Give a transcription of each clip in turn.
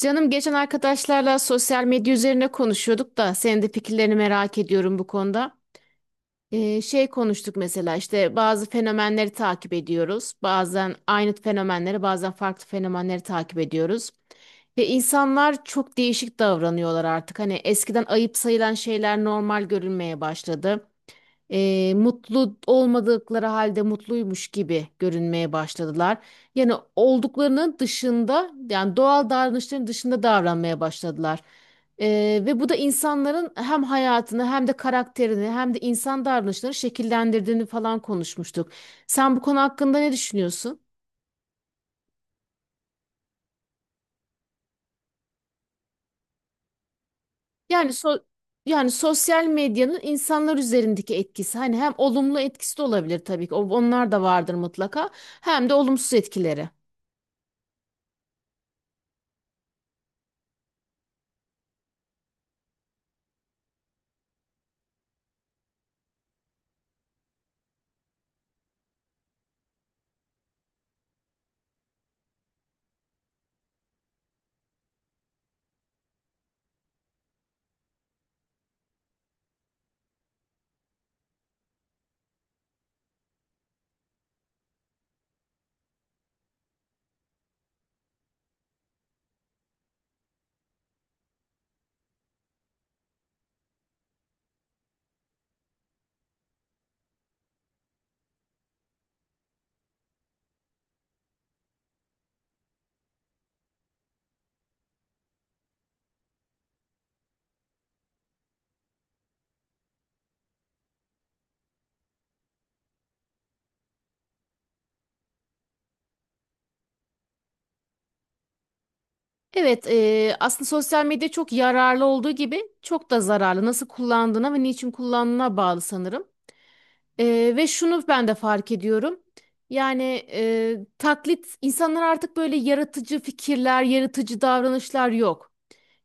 Canım geçen arkadaşlarla sosyal medya üzerine konuşuyorduk da senin de fikirlerini merak ediyorum bu konuda. Şey konuştuk mesela işte bazı fenomenleri takip ediyoruz. Bazen aynı fenomenleri bazen farklı fenomenleri takip ediyoruz. Ve insanlar çok değişik davranıyorlar artık. Hani eskiden ayıp sayılan şeyler normal görülmeye başladı, mutlu olmadıkları halde mutluymuş gibi görünmeye başladılar. Yani olduklarının dışında, yani doğal davranışların dışında davranmaya başladılar. Ve bu da insanların hem hayatını hem de karakterini hem de insan davranışlarını şekillendirdiğini falan konuşmuştuk. Sen bu konu hakkında ne düşünüyorsun? Yani so yani sosyal medyanın insanlar üzerindeki etkisi, hani hem olumlu etkisi de olabilir tabii ki, onlar da vardır mutlaka, hem de olumsuz etkileri. Evet, aslında sosyal medya çok yararlı olduğu gibi çok da zararlı. Nasıl kullandığına ve niçin kullandığına bağlı sanırım. Ve şunu ben de fark ediyorum. Yani taklit insanlar, artık böyle yaratıcı fikirler, yaratıcı davranışlar yok.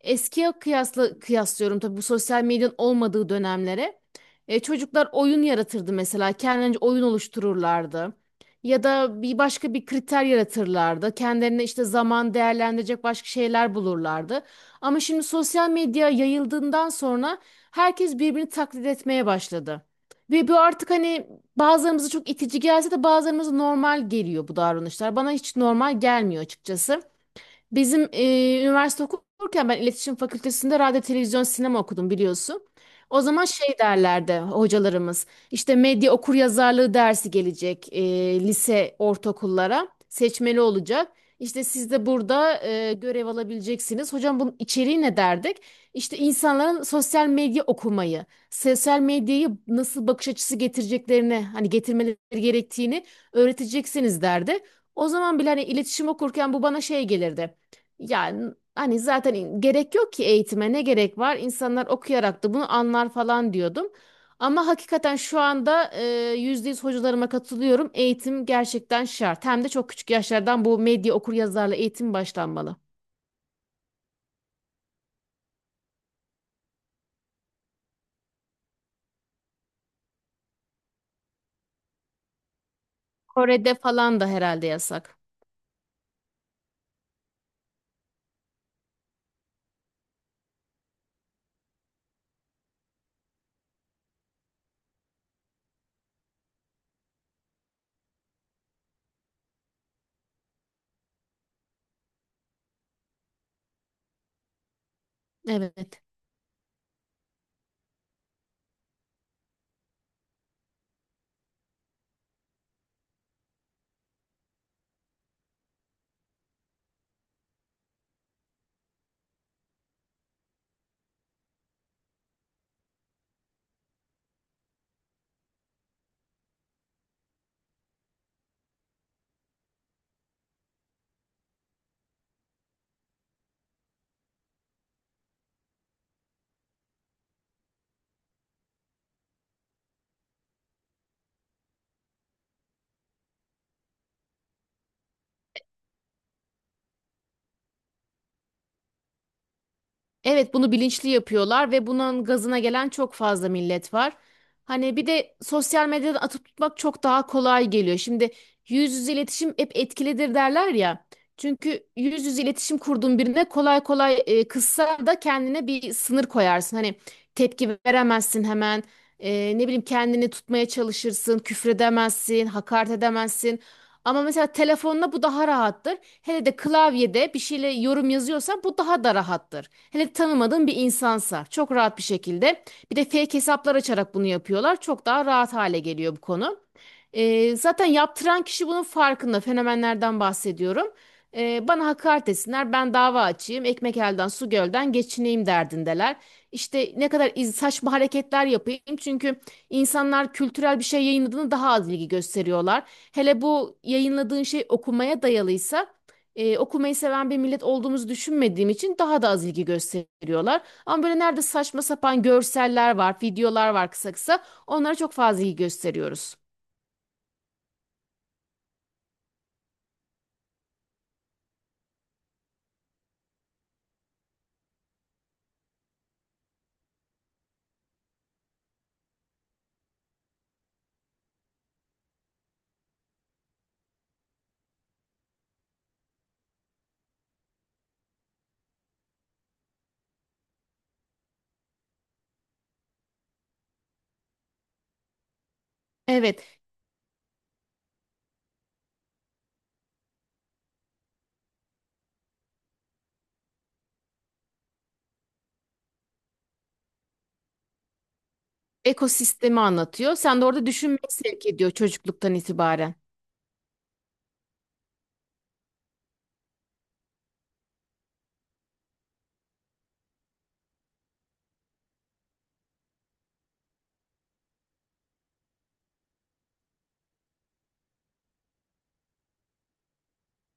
Eskiye kıyasla kıyaslıyorum tabii, bu sosyal medyanın olmadığı dönemlere. Çocuklar oyun yaratırdı mesela. Kendince oyun oluştururlardı. Ya da bir başka bir kriter yaratırlardı. Kendilerine işte zaman değerlendirecek başka şeyler bulurlardı. Ama şimdi sosyal medya yayıldığından sonra herkes birbirini taklit etmeye başladı. Ve bu artık hani bazılarımıza çok itici gelse de bazılarımıza normal geliyor bu davranışlar. Bana hiç normal gelmiyor açıkçası. Bizim üniversite okurken, ben iletişim fakültesinde radyo, televizyon, sinema okudum biliyorsun. O zaman şey derlerdi hocalarımız. İşte medya okur yazarlığı dersi gelecek, lise ortaokullara seçmeli olacak. İşte siz de burada görev alabileceksiniz. Hocam, bunun içeriği ne derdik? İşte insanların sosyal medya okumayı, sosyal medyayı nasıl bakış açısı getireceklerini, hani getirmeleri gerektiğini öğreteceksiniz derdi. O zaman bile hani iletişim okurken bu bana şey gelirdi. Yani hani zaten gerek yok ki, eğitime ne gerek var? İnsanlar okuyarak da bunu anlar falan diyordum. Ama hakikaten şu anda %100 hocalarıma katılıyorum. Eğitim gerçekten şart. Hem de çok küçük yaşlardan bu medya okuryazarlı eğitim başlanmalı. Kore'de falan da herhalde yasak. Evet. Evet, bunu bilinçli yapıyorlar ve bunun gazına gelen çok fazla millet var. Hani bir de sosyal medyadan atıp tutmak çok daha kolay geliyor. Şimdi yüz yüze iletişim hep etkilidir derler ya. Çünkü yüz yüze iletişim kurduğun birine kolay kolay kızsa da kendine bir sınır koyarsın. Hani tepki veremezsin hemen. Ne bileyim, kendini tutmaya çalışırsın, küfredemezsin, hakaret edemezsin. Ama mesela telefonla bu daha rahattır. Hele de klavyede bir şeyle yorum yazıyorsan bu daha da rahattır. Hele tanımadığın bir insansa çok rahat bir şekilde. Bir de fake hesaplar açarak bunu yapıyorlar. Çok daha rahat hale geliyor bu konu. Zaten yaptıran kişi bunun farkında. Fenomenlerden bahsediyorum. Bana hakaret etsinler, ben dava açayım, ekmek elden su gölden geçineyim derdindeler. İşte ne kadar saçma hareketler yapayım, çünkü İnsanlar kültürel bir şey yayınladığını daha az ilgi gösteriyorlar. Hele bu yayınladığın şey okumaya dayalıysa, okumayı seven bir millet olduğumuzu düşünmediğim için daha da az ilgi gösteriyorlar. Ama böyle nerede saçma sapan görseller var, videolar var kısa kısa, onlara çok fazla ilgi gösteriyoruz. Evet, ekosistemi anlatıyor. Sen de orada düşünmeyi sevk ediyor çocukluktan itibaren.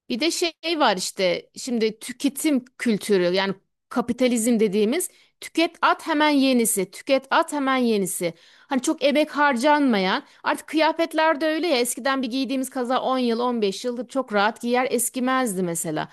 Bir de şey var işte şimdi, tüketim kültürü, yani kapitalizm dediğimiz, tüket at hemen yenisi, tüket at hemen yenisi. Hani çok emek harcanmayan artık kıyafetler de öyle ya, eskiden bir giydiğimiz kaza 10 yıl 15 yıldır çok rahat giyer eskimezdi mesela.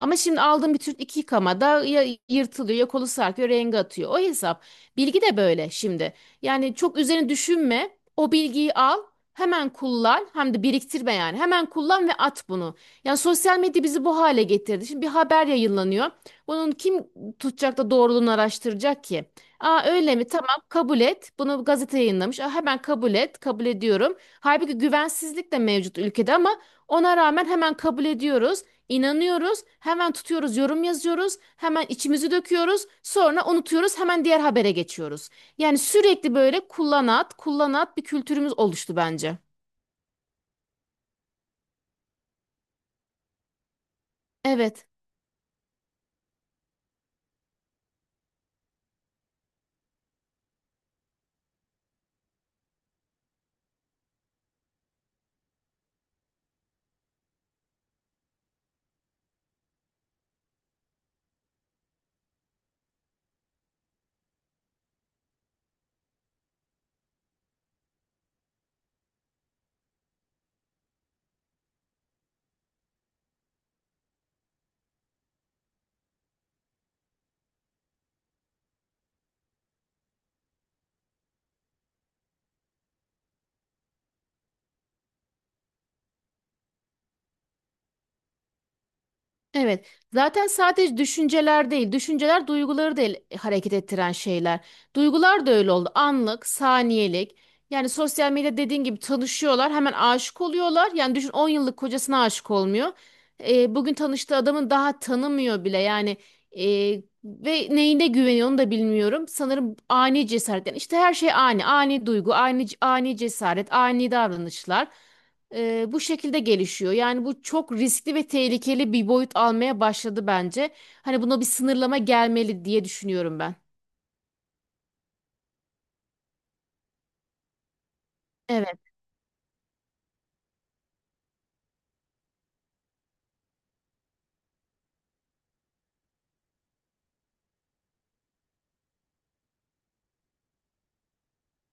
Ama şimdi aldığım bir tür 2 yıkamada ya yırtılıyor, ya kolu sarkıyor, rengi atıyor, o hesap. Bilgi de böyle şimdi, yani çok üzerine düşünme, o bilgiyi al, hemen kullan, hem de biriktirme, yani hemen kullan ve at bunu. Yani sosyal medya bizi bu hale getirdi. Şimdi bir haber yayınlanıyor. Bunun kim tutacak da doğruluğunu araştıracak ki? Aa, öyle mi? Tamam, kabul et. Bunu gazete yayınlamış. Aa, hemen kabul et. Kabul ediyorum. Halbuki güvensizlik de mevcut ülkede, ama ona rağmen hemen kabul ediyoruz. İnanıyoruz. Hemen tutuyoruz, yorum yazıyoruz. Hemen içimizi döküyoruz. Sonra unutuyoruz. Hemen diğer habere geçiyoruz. Yani sürekli böyle kullanat, kullanat bir kültürümüz oluştu bence. Evet. Evet. Zaten sadece düşünceler değil, düşünceler duyguları da hareket ettiren şeyler. Duygular da öyle oldu. Anlık, saniyelik. Yani sosyal medya dediğin gibi tanışıyorlar, hemen aşık oluyorlar. Yani düşün, 10 yıllık kocasına aşık olmuyor. Bugün tanıştığı adamın daha tanımıyor bile. Yani, e, ve neyine güveniyor onu da bilmiyorum. Sanırım ani cesaret. Yani işte her şey ani, ani duygu, ani ani cesaret, ani davranışlar, bu şekilde gelişiyor. Yani bu çok riskli ve tehlikeli bir boyut almaya başladı bence. Hani buna bir sınırlama gelmeli diye düşünüyorum ben. Evet,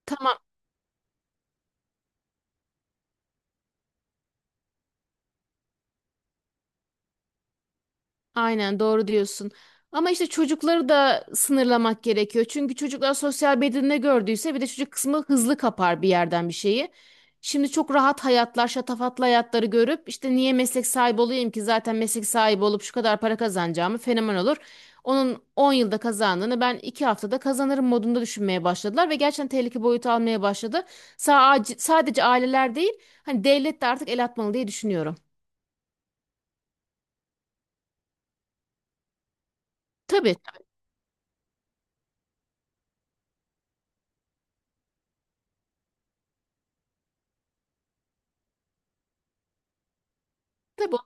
tamam. Aynen doğru diyorsun. Ama işte çocukları da sınırlamak gerekiyor. Çünkü çocuklar sosyal medyada ne gördüyse, bir de çocuk kısmı hızlı kapar bir yerden bir şeyi. Şimdi çok rahat hayatlar, şatafatlı hayatları görüp işte niye meslek sahibi olayım ki, zaten meslek sahibi olup şu kadar para kazanacağımı fenomen olur. Onun 10 yılda kazandığını ben 2 haftada kazanırım modunda düşünmeye başladılar ve gerçekten tehlike boyutu almaya başladı. Sadece, sadece aileler değil, hani devlet de artık el atmalı diye düşünüyorum. Tabii, tabii.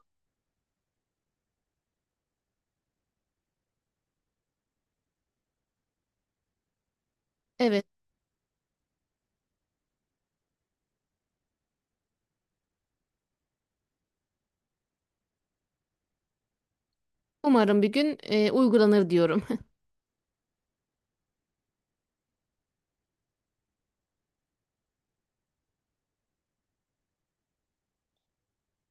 Evet. Umarım bir gün uygulanır diyorum.